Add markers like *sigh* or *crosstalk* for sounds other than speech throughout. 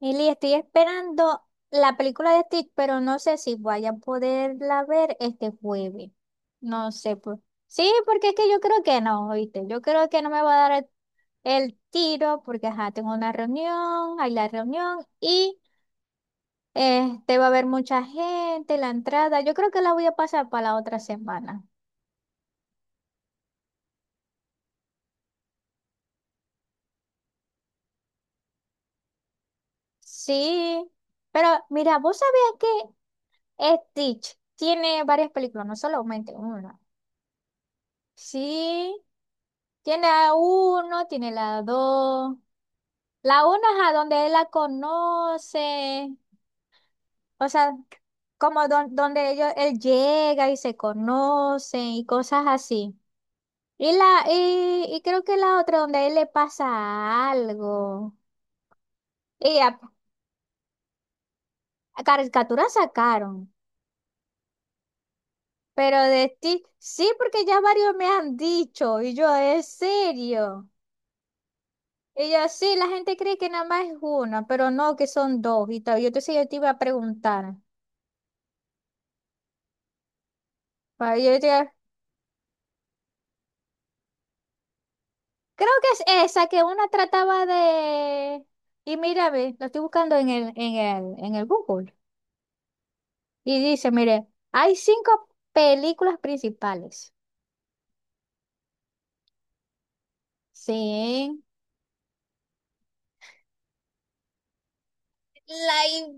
Mili, estoy esperando la película de Stitch, pero no sé si vaya a poderla ver este jueves. No sé. Pues. Sí, porque es que yo creo que no, ¿oíste? Yo creo que no me va a dar el tiro porque, ajá, tengo una reunión, hay la reunión y este va a haber mucha gente, la entrada. Yo creo que la voy a pasar para la otra semana. Sí, pero mira, ¿vos sabías que Stitch tiene varias películas, no solamente una? Sí. Tiene a uno, tiene la dos. La uno es a donde él la conoce. O sea, como donde ellos, él llega y se conoce y cosas así. Y creo que la otra donde a él le pasa algo. Y a, a caricatura sacaron. Pero de ti, sí, porque ya varios me han dicho. Y yo, ¿es serio? Y yo, sí, la gente cree que nada más es una, pero no, que son dos. Y tal. Y entonces yo te iba a preguntar. Ah, yo creo que es esa que una trataba de... Y mira, ve, lo estoy buscando en el Google. Y dice, mire, hay cinco películas principales. Sí. Live.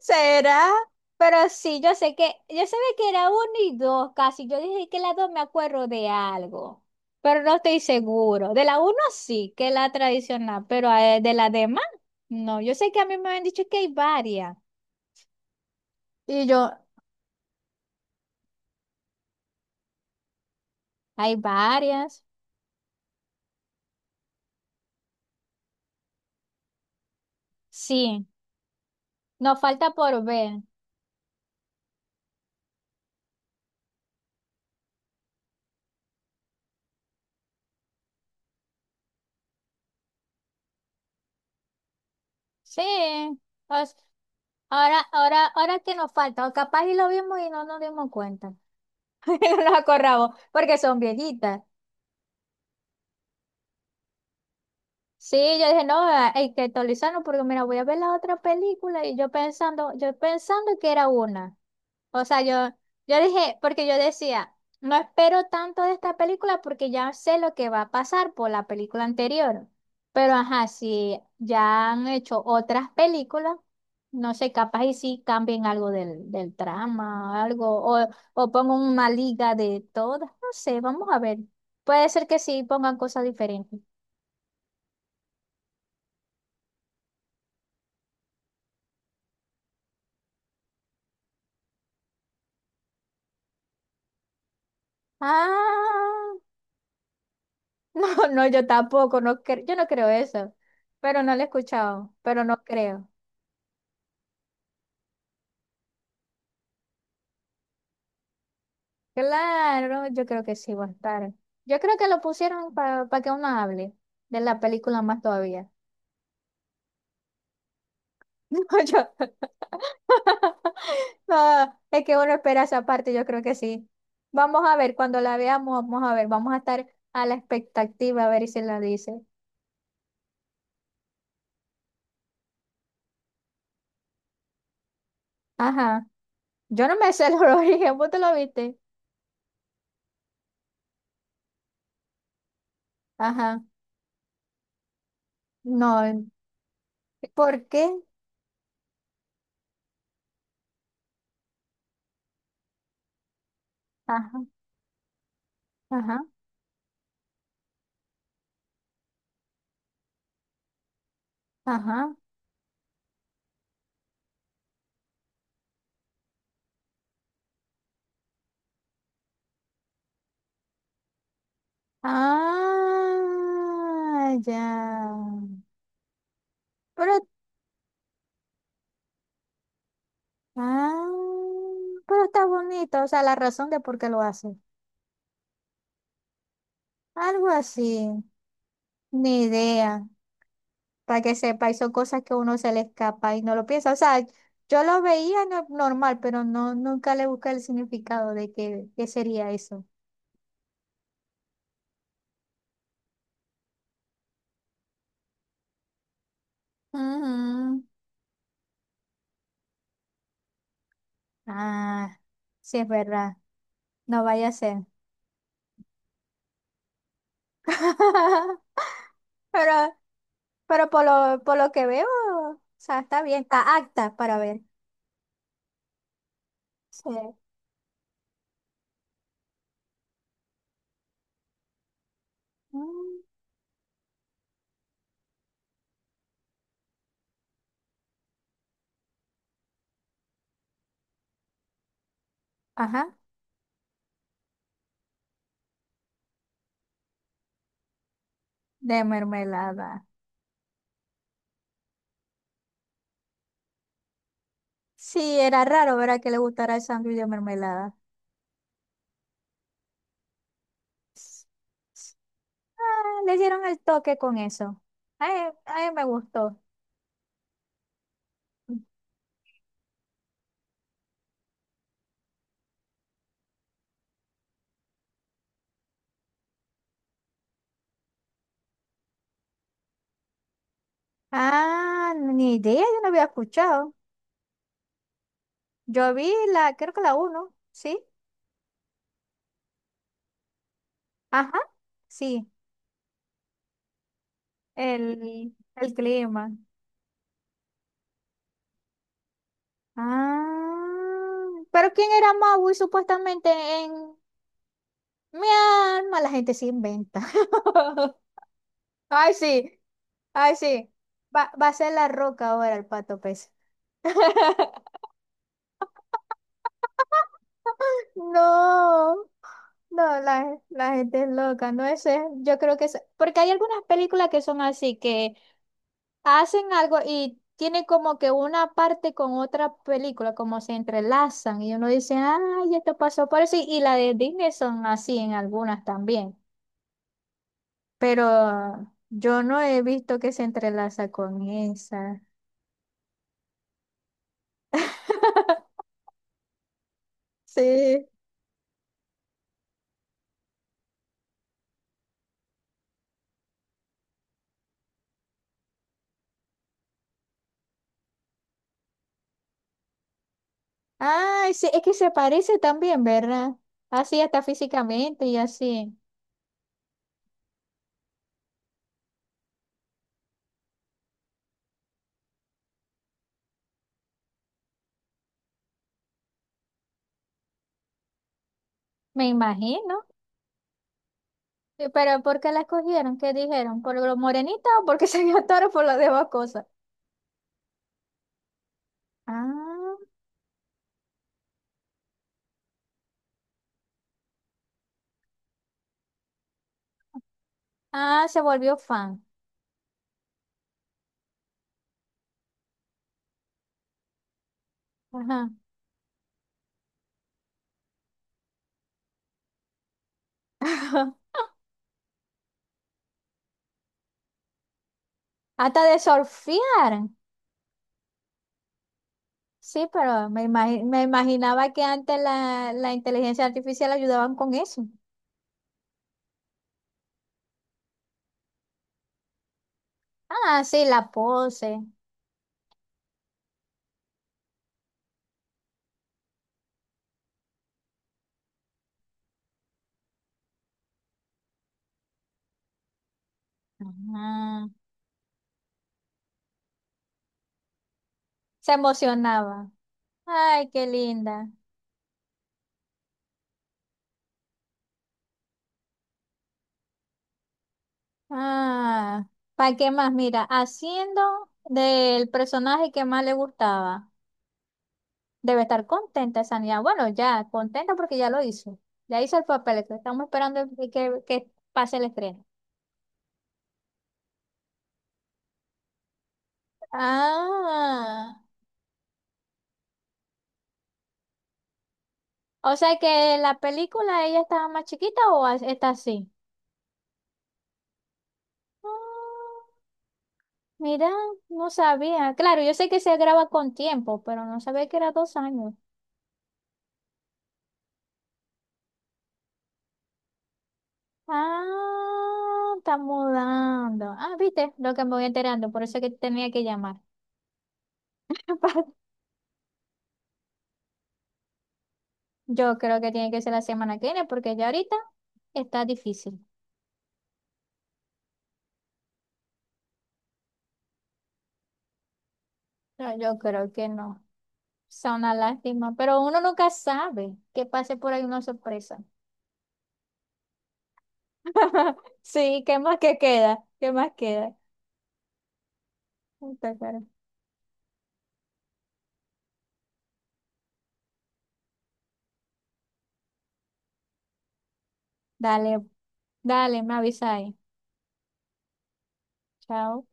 ¿Será? Pero sí, yo sé que, yo sabía que era uno y dos casi. Yo dije que la dos me acuerdo de algo, pero no estoy seguro. De la uno sí, que es la tradicional, pero de la demás, no. Yo sé que a mí me han dicho que hay varias. Y yo, hay varias. Sí, nos falta por ver. Sí, o sea, ahora, ahora, ahora que nos falta, o capaz y lo vimos y no nos dimos cuenta. *laughs* No nos acordamos, porque son viejitas. Sí, yo dije, no, ah, hay que actualizarlo porque mira, voy a ver la otra película y yo pensando que era una. O sea, yo dije, porque yo decía, no espero tanto de esta película porque ya sé lo que va a pasar por la película anterior. Pero ajá, si ya han hecho otras películas, no sé, capaz y sí cambien algo del trama, algo, o, o pongan una liga de todas, no sé, vamos a ver. Puede ser que sí pongan cosas diferentes. Ah. *laughs* No, no, yo tampoco, no yo no creo eso, pero no lo he escuchado, pero no creo. Claro, yo creo que sí va a estar. Yo creo que lo pusieron para que uno hable de la película más todavía. *laughs* No, yo. *laughs* No, es que uno espera esa parte, yo creo que sí. Vamos a ver, cuando la veamos, vamos a ver, vamos a estar a la expectativa a ver si la dice. Ajá, yo no me sé el *laughs* origen, ¿vos te lo viste? Ajá, no, ¿por qué? Ajá, ajá, ajá. Ah, ya. Pero, ah, pero está bonito, o sea, la razón de por qué lo hace. Algo así, ni idea, para que sepa, y son cosas que a uno se le escapa y no lo piensa. O sea, yo lo veía normal, pero no, nunca le busqué el significado de qué, qué sería eso. Ujú. Ah, sí es verdad, no vaya a ser. *laughs* Pero, pero por lo que veo, o sea, está bien, está acta para ver. Sí. Mm, ajá, de mermelada. Sí, era raro, ¿verdad? Que le gustara el sándwich de mermelada. Ah, le dieron el toque con eso. Ay, ay, me gustó. Ah, ni idea, yo no había escuchado. Yo vi la, creo que la uno, ¿sí? Ajá, sí, el clima. Ah, pero ¿quién era Maui supuestamente en mi alma? La gente se inventa. *laughs* Ay, sí, ay, sí. Va a ser la roca ahora el pato pez. *laughs* No, no, la gente es loca, no es, yo creo que es, porque hay algunas películas que son así, que hacen algo y tienen como que una parte con otra película, como se entrelazan y uno dice, ay, esto pasó por eso, y la de Disney son así en algunas también, pero yo no he visto que se entrelaza con esa. Sí. Ay, sí, es que se parece también, ¿verdad? Así hasta físicamente y así. Me imagino. Sí, pero ¿por qué la escogieron? ¿Qué dijeron? ¿Por lo morenita o porque *laughs* se vio toro por las demás cosas? Ah, ah, se volvió fan. Ajá. *laughs* Hasta de surfear. Sí, pero me me imaginaba que antes la inteligencia artificial ayudaban con eso. Ah, sí, la pose. Ajá. Se emocionaba. Ay, qué linda. Ah, ¿para qué más? Mira, haciendo del personaje que más le gustaba. Debe estar contenta esa niña. Bueno, ya, contenta porque ya lo hizo. Ya hizo el papel, que estamos esperando que pase el estreno. Ah, o sea que la película ella estaba más chiquita o está así. Ah, mira, no sabía. Claro, yo sé que se graba con tiempo, pero no sabía que era 2 años. Ah, está mudando. Ah, viste lo que me voy enterando, por eso que tenía que llamar. *laughs* Yo creo que tiene que ser la semana que viene, porque ya ahorita está difícil. No, yo creo que no. Es una lástima, pero uno nunca sabe que pase por ahí una sorpresa. *laughs* Sí, ¿qué más que queda? ¿Qué más queda? Puta, cara. Dale, dale, me avisa ahí. Chao.